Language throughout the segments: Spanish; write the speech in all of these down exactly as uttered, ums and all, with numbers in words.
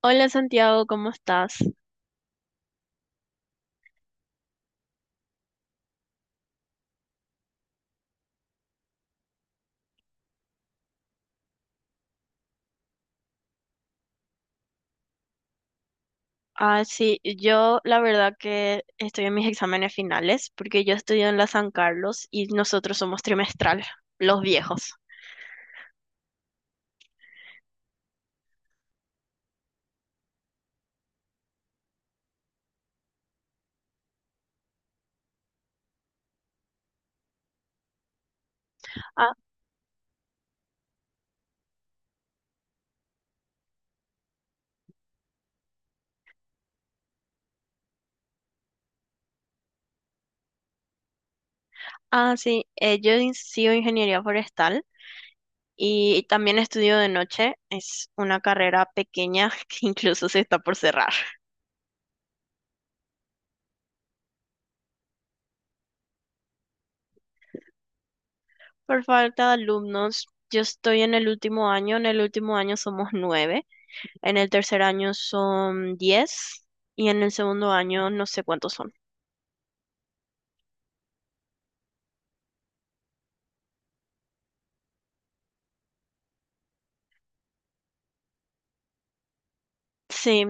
Hola Santiago, ¿cómo estás? Ah, sí, yo la verdad que estoy en mis exámenes finales porque yo estudio en la San Carlos y nosotros somos trimestral, los viejos. Ah, ah, sí, eh, yo in- sigo ingeniería forestal y también estudio de noche. Es una carrera pequeña que incluso se está por cerrar. Por falta de alumnos, yo estoy en el último año. En el último año somos nueve, en el tercer año son diez y en el segundo año no sé cuántos son. Sí,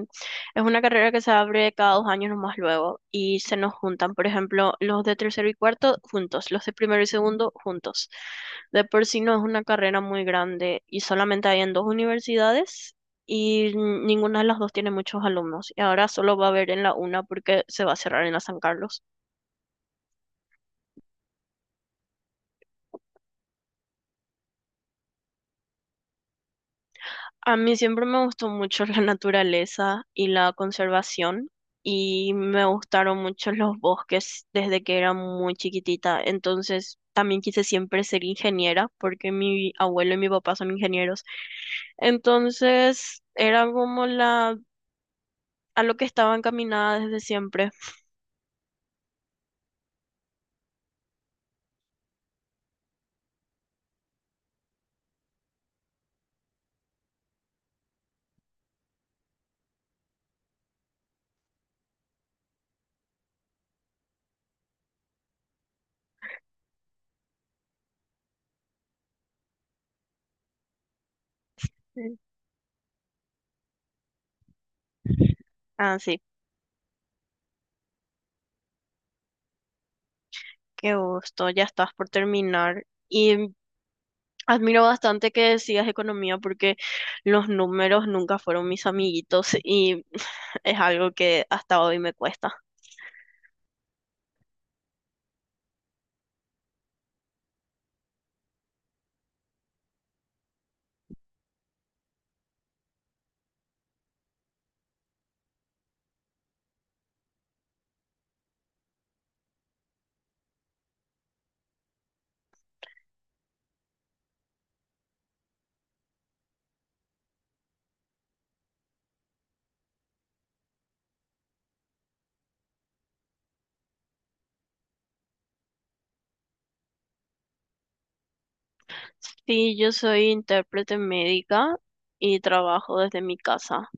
es una carrera que se abre cada dos años nomás luego y se nos juntan, por ejemplo, los de tercero y cuarto juntos, los de primero y segundo juntos. De por sí no es una carrera muy grande y solamente hay en dos universidades y ninguna de las dos tiene muchos alumnos. Y ahora solo va a haber en la una porque se va a cerrar en la San Carlos. A mí siempre me gustó mucho la naturaleza y la conservación y me gustaron mucho los bosques desde que era muy chiquitita. Entonces también quise siempre ser ingeniera porque mi abuelo y mi papá son ingenieros. Entonces era como la a lo que estaba encaminada desde siempre. Sí. Ah, sí, qué gusto, ya estás por terminar. Y admiro bastante que decidas economía porque los números nunca fueron mis amiguitos y es algo que hasta hoy me cuesta. Sí, yo soy intérprete médica y trabajo desde mi casa.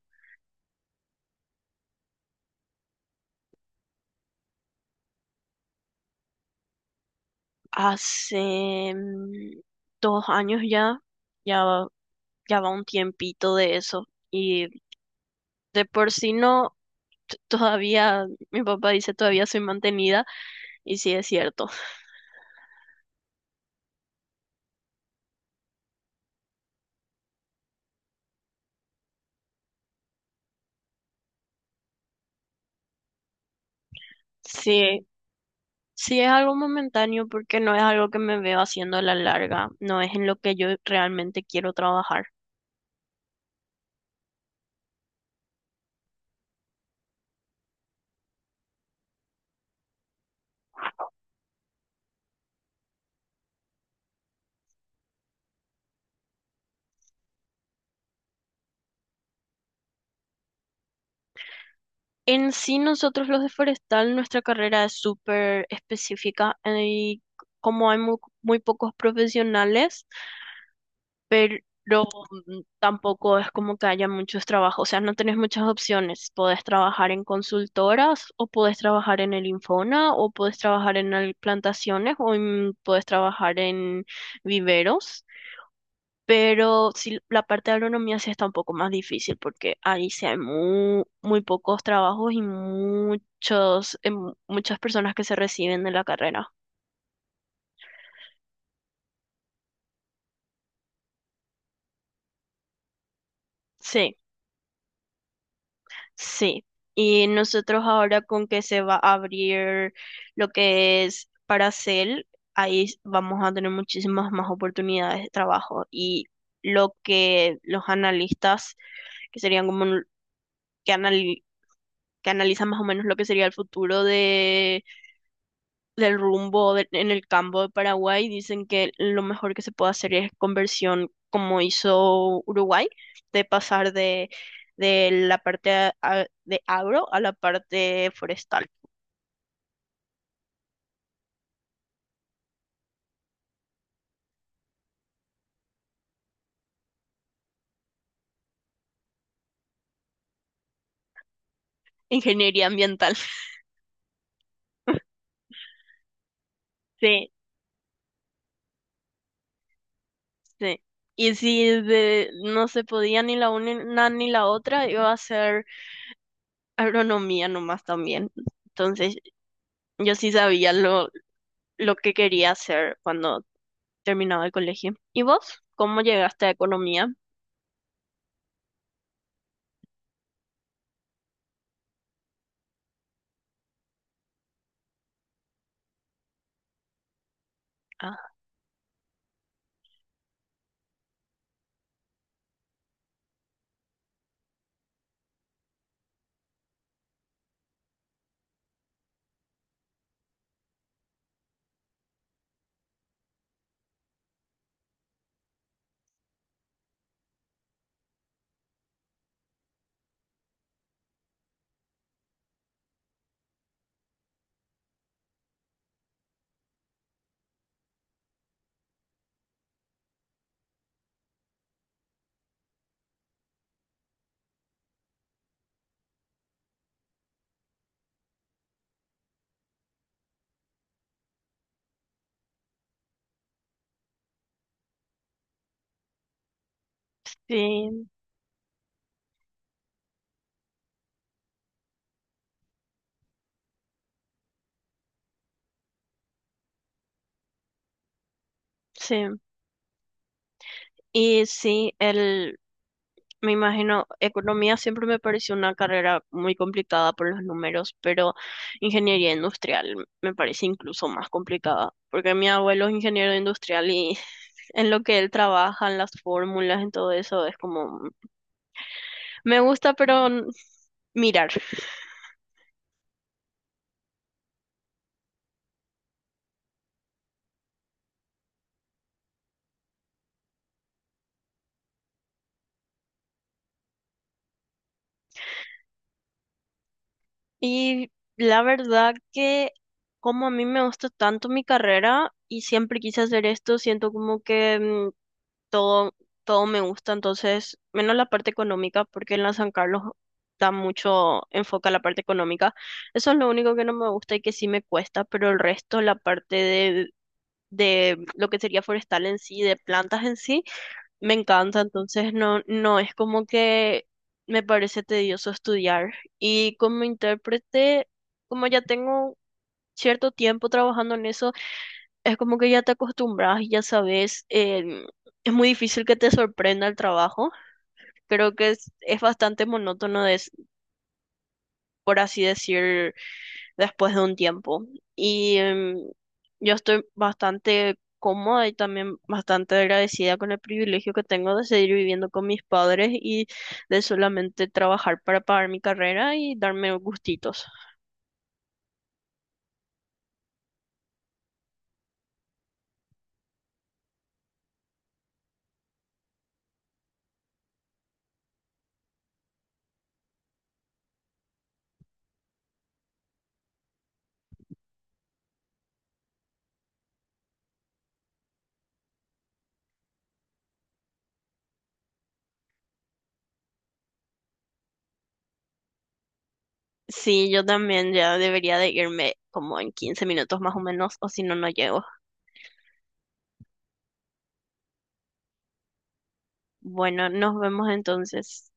Hace mm, dos años ya, ya, va- ya va un tiempito de eso. Y de por sí no, t- todavía, mi papá dice todavía soy mantenida y sí es cierto. Sí. Sí, es algo momentáneo porque no es algo que me veo haciendo a la larga, no es en lo que yo realmente quiero trabajar. En sí, nosotros los de Forestal, nuestra carrera es súper específica eh, y como hay mu- muy pocos profesionales, pero mm, tampoco es como que haya muchos trabajos, o sea, no tenés muchas opciones. Podés trabajar en consultoras o podés trabajar en el Infona o podés trabajar en el plantaciones o en- podés trabajar en viveros. Pero sí, la parte de agronomía sí está un poco más difícil porque ahí sí hay muy, muy pocos trabajos y muchos, em, muchas personas que se reciben de la carrera. Sí, sí. Y nosotros ahora con que se va a abrir lo que es Paracel, ahí vamos a tener muchísimas más oportunidades de trabajo. Y lo que los analistas, que serían como un- que, anali- que analizan más o menos lo que sería el futuro de del rumbo de- en el campo de Paraguay, dicen que lo mejor que se puede hacer es conversión como hizo Uruguay, de pasar de, de la parte a- a- de agro a la parte forestal, ingeniería ambiental. Sí, sí. Y si de- no se podía ni la una ni la otra, iba a ser agronomía nomás también. Entonces, yo sí sabía lo, lo que quería hacer cuando terminaba el colegio. ¿Y vos? ¿Cómo llegaste a economía? Sí, sí. Y sí, el, me imagino, economía siempre me pareció una carrera muy complicada por los números, pero ingeniería industrial me parece incluso más complicada, porque mi abuelo es ingeniero industrial y en lo que él trabaja, en las fórmulas, en todo eso, es como, me gusta, pero n- mirar. Y la verdad que como a mí me gusta tanto mi carrera y siempre quise hacer esto, siento como que... mm, todo, todo me gusta, entonces, menos la parte económica, porque en la San Carlos da mucho enfoque a la parte económica. Eso es lo único que no me gusta y que sí me cuesta, pero el resto, la parte de, de lo que sería forestal en sí, de plantas en sí, me encanta, entonces no, no es como que me parece tedioso estudiar. Y como intérprete, como ya tengo cierto tiempo trabajando en eso, es como que ya te acostumbras y ya sabes, em, es muy difícil que te sorprenda el trabajo. Creo que es, es bastante monótono, des- por así decir, después de un tiempo. Y em, yo estoy bastante cómoda y también bastante agradecida con el privilegio que tengo de seguir viviendo con mis padres y de solamente trabajar para pagar mi carrera y darme gustitos. Sí, yo también ya debería de irme como en quince minutos más o menos, o si no, no llego. Bueno, nos vemos entonces.